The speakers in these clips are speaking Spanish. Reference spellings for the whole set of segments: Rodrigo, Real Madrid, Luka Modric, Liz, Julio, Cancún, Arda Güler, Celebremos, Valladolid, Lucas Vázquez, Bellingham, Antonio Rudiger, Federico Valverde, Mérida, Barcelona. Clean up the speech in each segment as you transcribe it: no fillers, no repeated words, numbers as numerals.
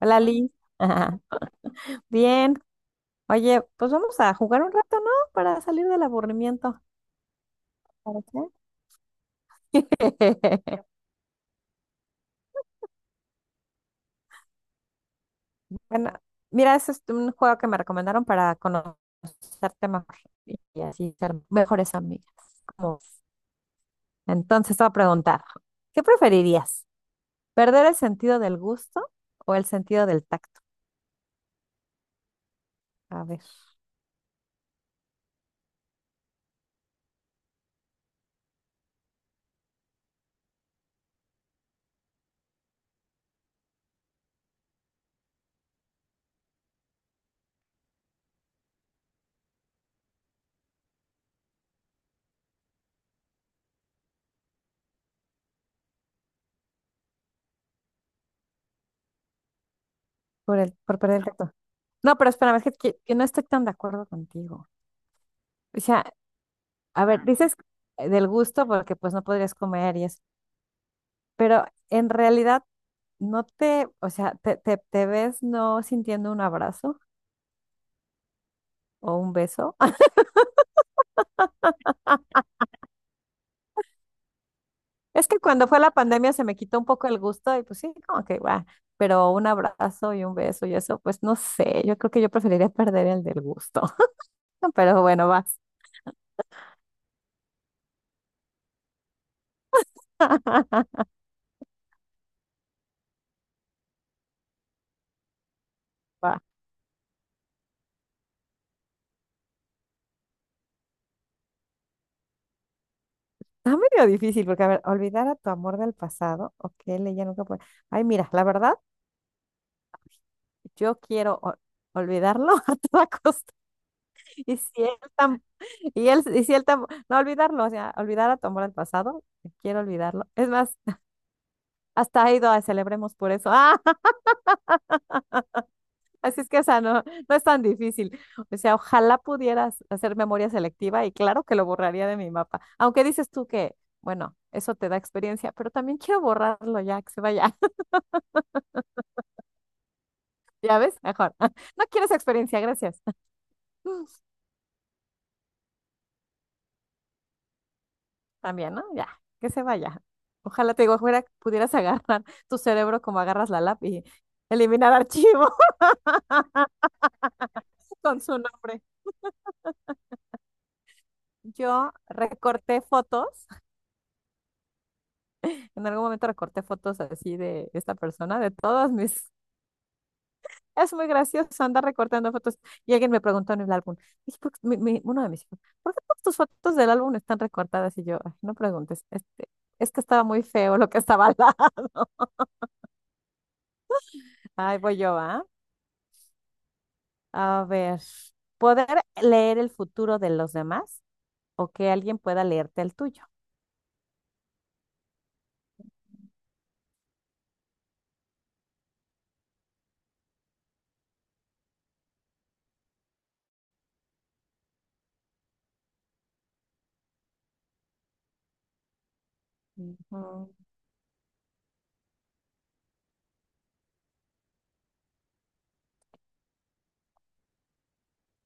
Hola Liz. Ajá. Bien. Oye, pues vamos a jugar un rato, ¿no? Para salir del aburrimiento. ¿Parece? Bueno, mira, ese es un juego que me recomendaron para conocerte mejor y así ser mejores amigas. Como- Entonces te voy a preguntar, ¿qué preferirías? ¿Perder el sentido del gusto o el sentido del tacto? A ver, por perder el tacto. No, pero espérame, es que, que no estoy tan de acuerdo contigo. O sea, a ver, dices del gusto porque pues no podrías comer y eso, pero en realidad no te, o sea, te ves no sintiendo un abrazo o un beso. Es que cuando fue la pandemia se me quitó un poco el gusto y pues sí, como que va, pero un abrazo y un beso y eso, pues no sé, yo creo que yo preferiría perder el del gusto. No, pero bueno, vas, va. Está medio difícil porque, a ver, olvidar a tu amor del pasado, ok, le ya nunca puede. Ay, mira, la verdad, yo quiero ol- olvidarlo a toda costa. Y si él, tam- y él, y si él tam- no olvidarlo, o sea, olvidar a tu amor el pasado, quiero olvidarlo. Es más, hasta ha ido a celebremos por eso. Ah, así es que, o sea, no, no es tan difícil. O sea, ojalá pudieras hacer memoria selectiva y claro que lo borraría de mi mapa. Aunque dices tú que, bueno, eso te da experiencia, pero también quiero borrarlo ya, que se vaya. ¿Ya ves? Mejor. No quiero esa experiencia, gracias. También, ¿no? Ya, que se vaya. Ojalá te digo, fuera, pudieras agarrar tu cerebro como agarras la lápiz y eliminar archivo con su nombre. Yo recorté fotos, en algún momento recorté fotos así de esta persona, de todos mis... Es muy gracioso andar recortando fotos. Y alguien me preguntó en el álbum, dije, "¿Por qué uno de mis hijos, ¿por qué todas tus fotos del álbum están recortadas?". Y yo, "Ay, no preguntes, este, es que estaba muy feo lo que estaba al lado". Ay, voy yo, ¿ah? A ver, ¿poder leer el futuro de los demás o que alguien pueda leerte el tuyo? Ujú.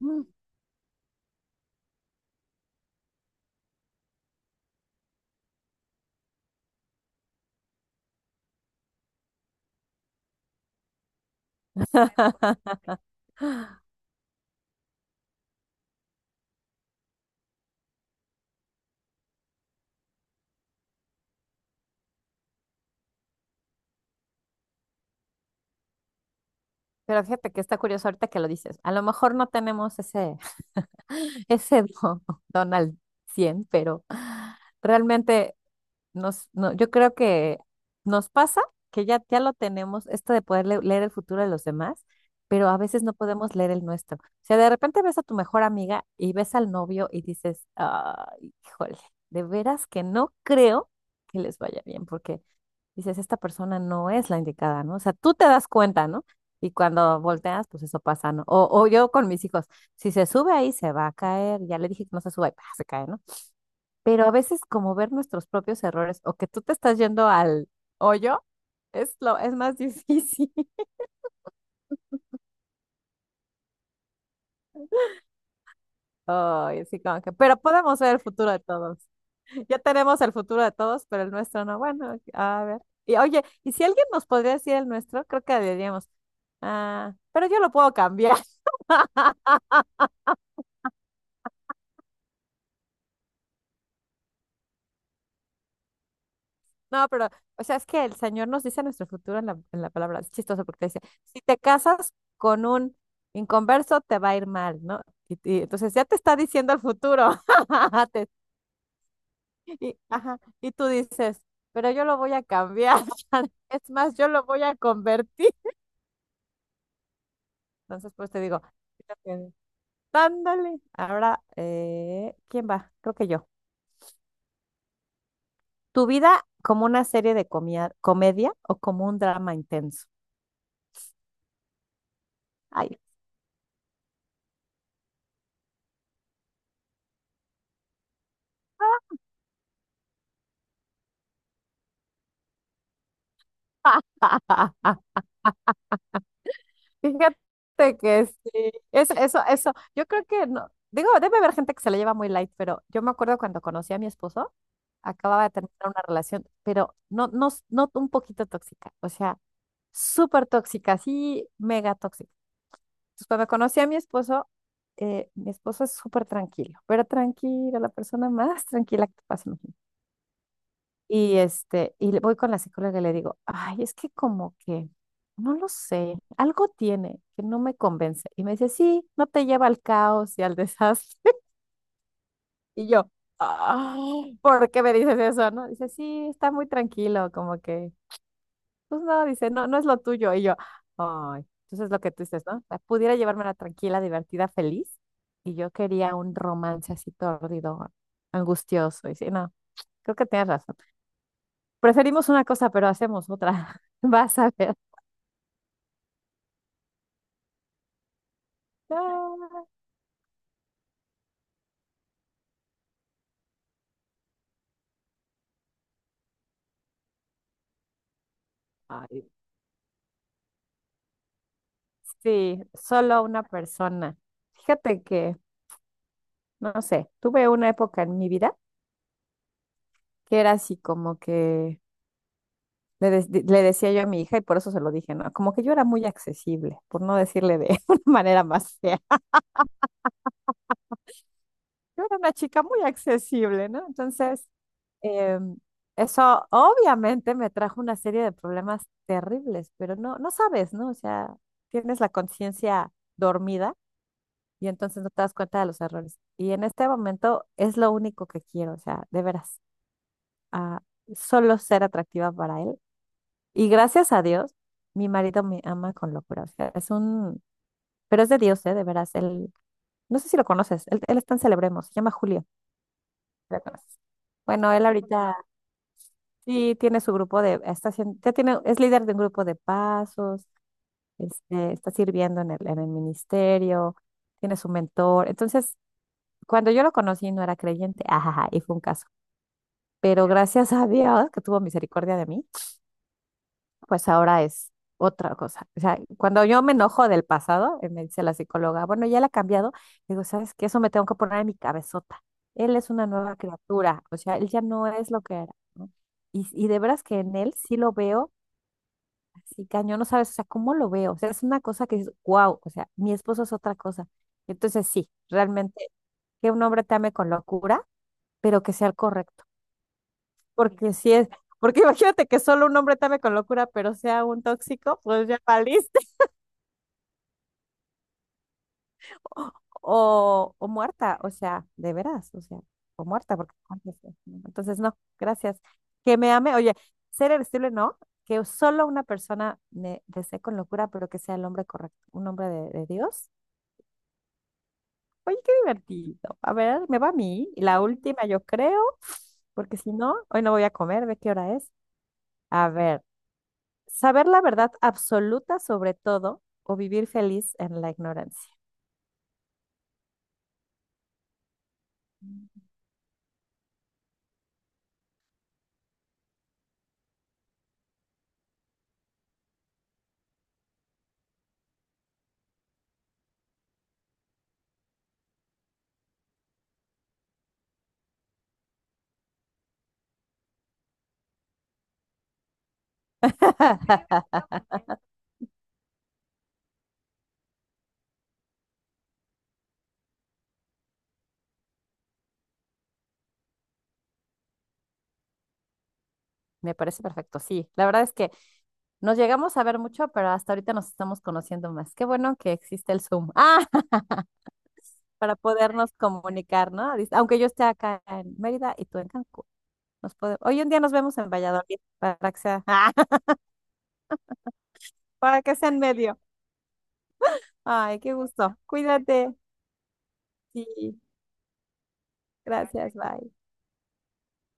Mm. Pero fíjate que está curioso ahorita que lo dices. A lo mejor no tenemos ese don, don al 100 pero realmente nos, no, yo creo que nos pasa que ya lo tenemos, esto de poder leer el futuro de los demás, pero a veces no podemos leer el nuestro. O sea, de repente ves a tu mejor amiga y ves al novio y dices, ay, híjole, de veras que no creo que les vaya bien, porque dices, esta persona no es la indicada, ¿no? O sea, tú te das cuenta, ¿no? Y cuando volteas, pues eso pasa, ¿no? O yo con mis hijos, si se sube ahí, se va a caer. Ya le dije que no se suba y pa, se cae, ¿no? Pero a veces como ver nuestros propios errores o que tú te estás yendo al hoyo es más difícil. Ay, sí, como que, pero podemos ver el futuro de todos. Ya tenemos el futuro de todos, pero el nuestro no. Bueno, a ver. Y oye, y si alguien nos podría decir el nuestro, creo que diríamos, ah, pero yo lo puedo cambiar. No, pero, o sea, es que el Señor nos dice nuestro futuro en la palabra. Es chistoso porque dice, si te casas con un inconverso, te va a ir mal, ¿no? Y entonces ya te está diciendo el futuro. Te- y, ajá, y tú dices, pero yo lo voy a cambiar. Es más, yo lo voy a convertir. Entonces, pues te digo, fíjate, dándole. Ahora, ¿quién va? Creo que yo. ¿Tu vida como una serie de comedia o como un drama intenso? Ay, fíjate que sí, eso, yo creo que no, digo, debe haber gente que se la lleva muy light, pero yo me acuerdo cuando conocí a mi esposo, acababa de terminar una relación, pero no un poquito tóxica, o sea, súper tóxica, sí, mega tóxica. Entonces, cuando conocí a mi esposo es súper tranquilo, pero tranquilo, la persona más tranquila que te pasa. Y este, voy con la psicóloga y le digo, ay, es que como que, no lo sé, algo tiene que no me convence. Y me dice, sí, no te lleva al caos y al desastre. Y yo, ah, ¿por qué me dices eso? No, dice, sí, está muy tranquilo, como que, pues no, dice, no, no es lo tuyo. Y yo, ay, entonces lo que tú dices, ¿no? La pudiera llevármela tranquila, divertida, feliz. Y yo quería un romance así tordido, angustioso. Y sí, no, creo que tienes razón. Preferimos una cosa, pero hacemos otra. Vas a ver. Ah, ay, sí, solo una persona. Fíjate que, no sé, tuve una época en mi vida que era así como que le decía yo a mi hija y por eso se lo dije, ¿no? Como que yo era muy accesible, por no decirle de una manera más fea. Yo era una chica muy accesible, ¿no? Entonces, em, eso obviamente me trajo una serie de problemas terribles, pero no, no sabes, ¿no? O sea, tienes la conciencia dormida y entonces no te das cuenta de los errores. Y en este momento es lo único que quiero, o sea, de veras, ah, solo ser atractiva para él. Y gracias a Dios, mi marido me ama con locura, o sea, es un, pero es de Dios, ¿eh? De veras, él, no sé si lo conoces, él está en Celebremos, se llama Julio. Lo conoces. Bueno, él ahorita sí tiene su grupo de, está haciendo, ya tiene, es líder de un grupo de pasos, este, está sirviendo en el ministerio, tiene su mentor. Entonces, cuando yo lo conocí no era creyente, ajaja, y fue un caso. Pero gracias a Dios que tuvo misericordia de mí, pues ahora es otra cosa. O sea, cuando yo me enojo del pasado, me dice la psicóloga, bueno, ya la ha cambiado, digo, ¿sabes qué? Eso me tengo que poner en mi cabezota. Él es una nueva criatura, o sea, él ya no es lo que era, ¿no? Y de veras que en él sí lo veo así cañón, no sabes, o sea, ¿cómo lo veo? O sea, es una cosa que es wow, o sea, mi esposo es otra cosa. Entonces sí, realmente, que un hombre te ame con locura, pero que sea el correcto, porque si es... Porque imagínate que solo un hombre te ame con locura, pero sea un tóxico, pues ya valiste. O muerta, o sea, de veras, o sea, o muerta, porque antes, no. Entonces no, gracias. Que me ame, oye, ser irresistible no, que solo una persona me desee con locura, pero que sea el hombre correcto, un hombre de Dios. Oye, qué divertido. A ver, me va a mí, la última yo creo, porque si no, hoy no voy a comer, ve qué hora es. A ver, saber la verdad absoluta sobre todo o vivir feliz en la ignorancia. Me parece perfecto, sí. La verdad es que nos llegamos a ver mucho, pero hasta ahorita nos estamos conociendo más. Qué bueno que existe el Zoom. Ah, para podernos comunicar, ¿no? Dice, aunque yo esté acá en Mérida y tú en Cancún. Hoy un día nos vemos en Valladolid para que sea, para que sea en medio. Ay, qué gusto. Cuídate. Sí, gracias, bye.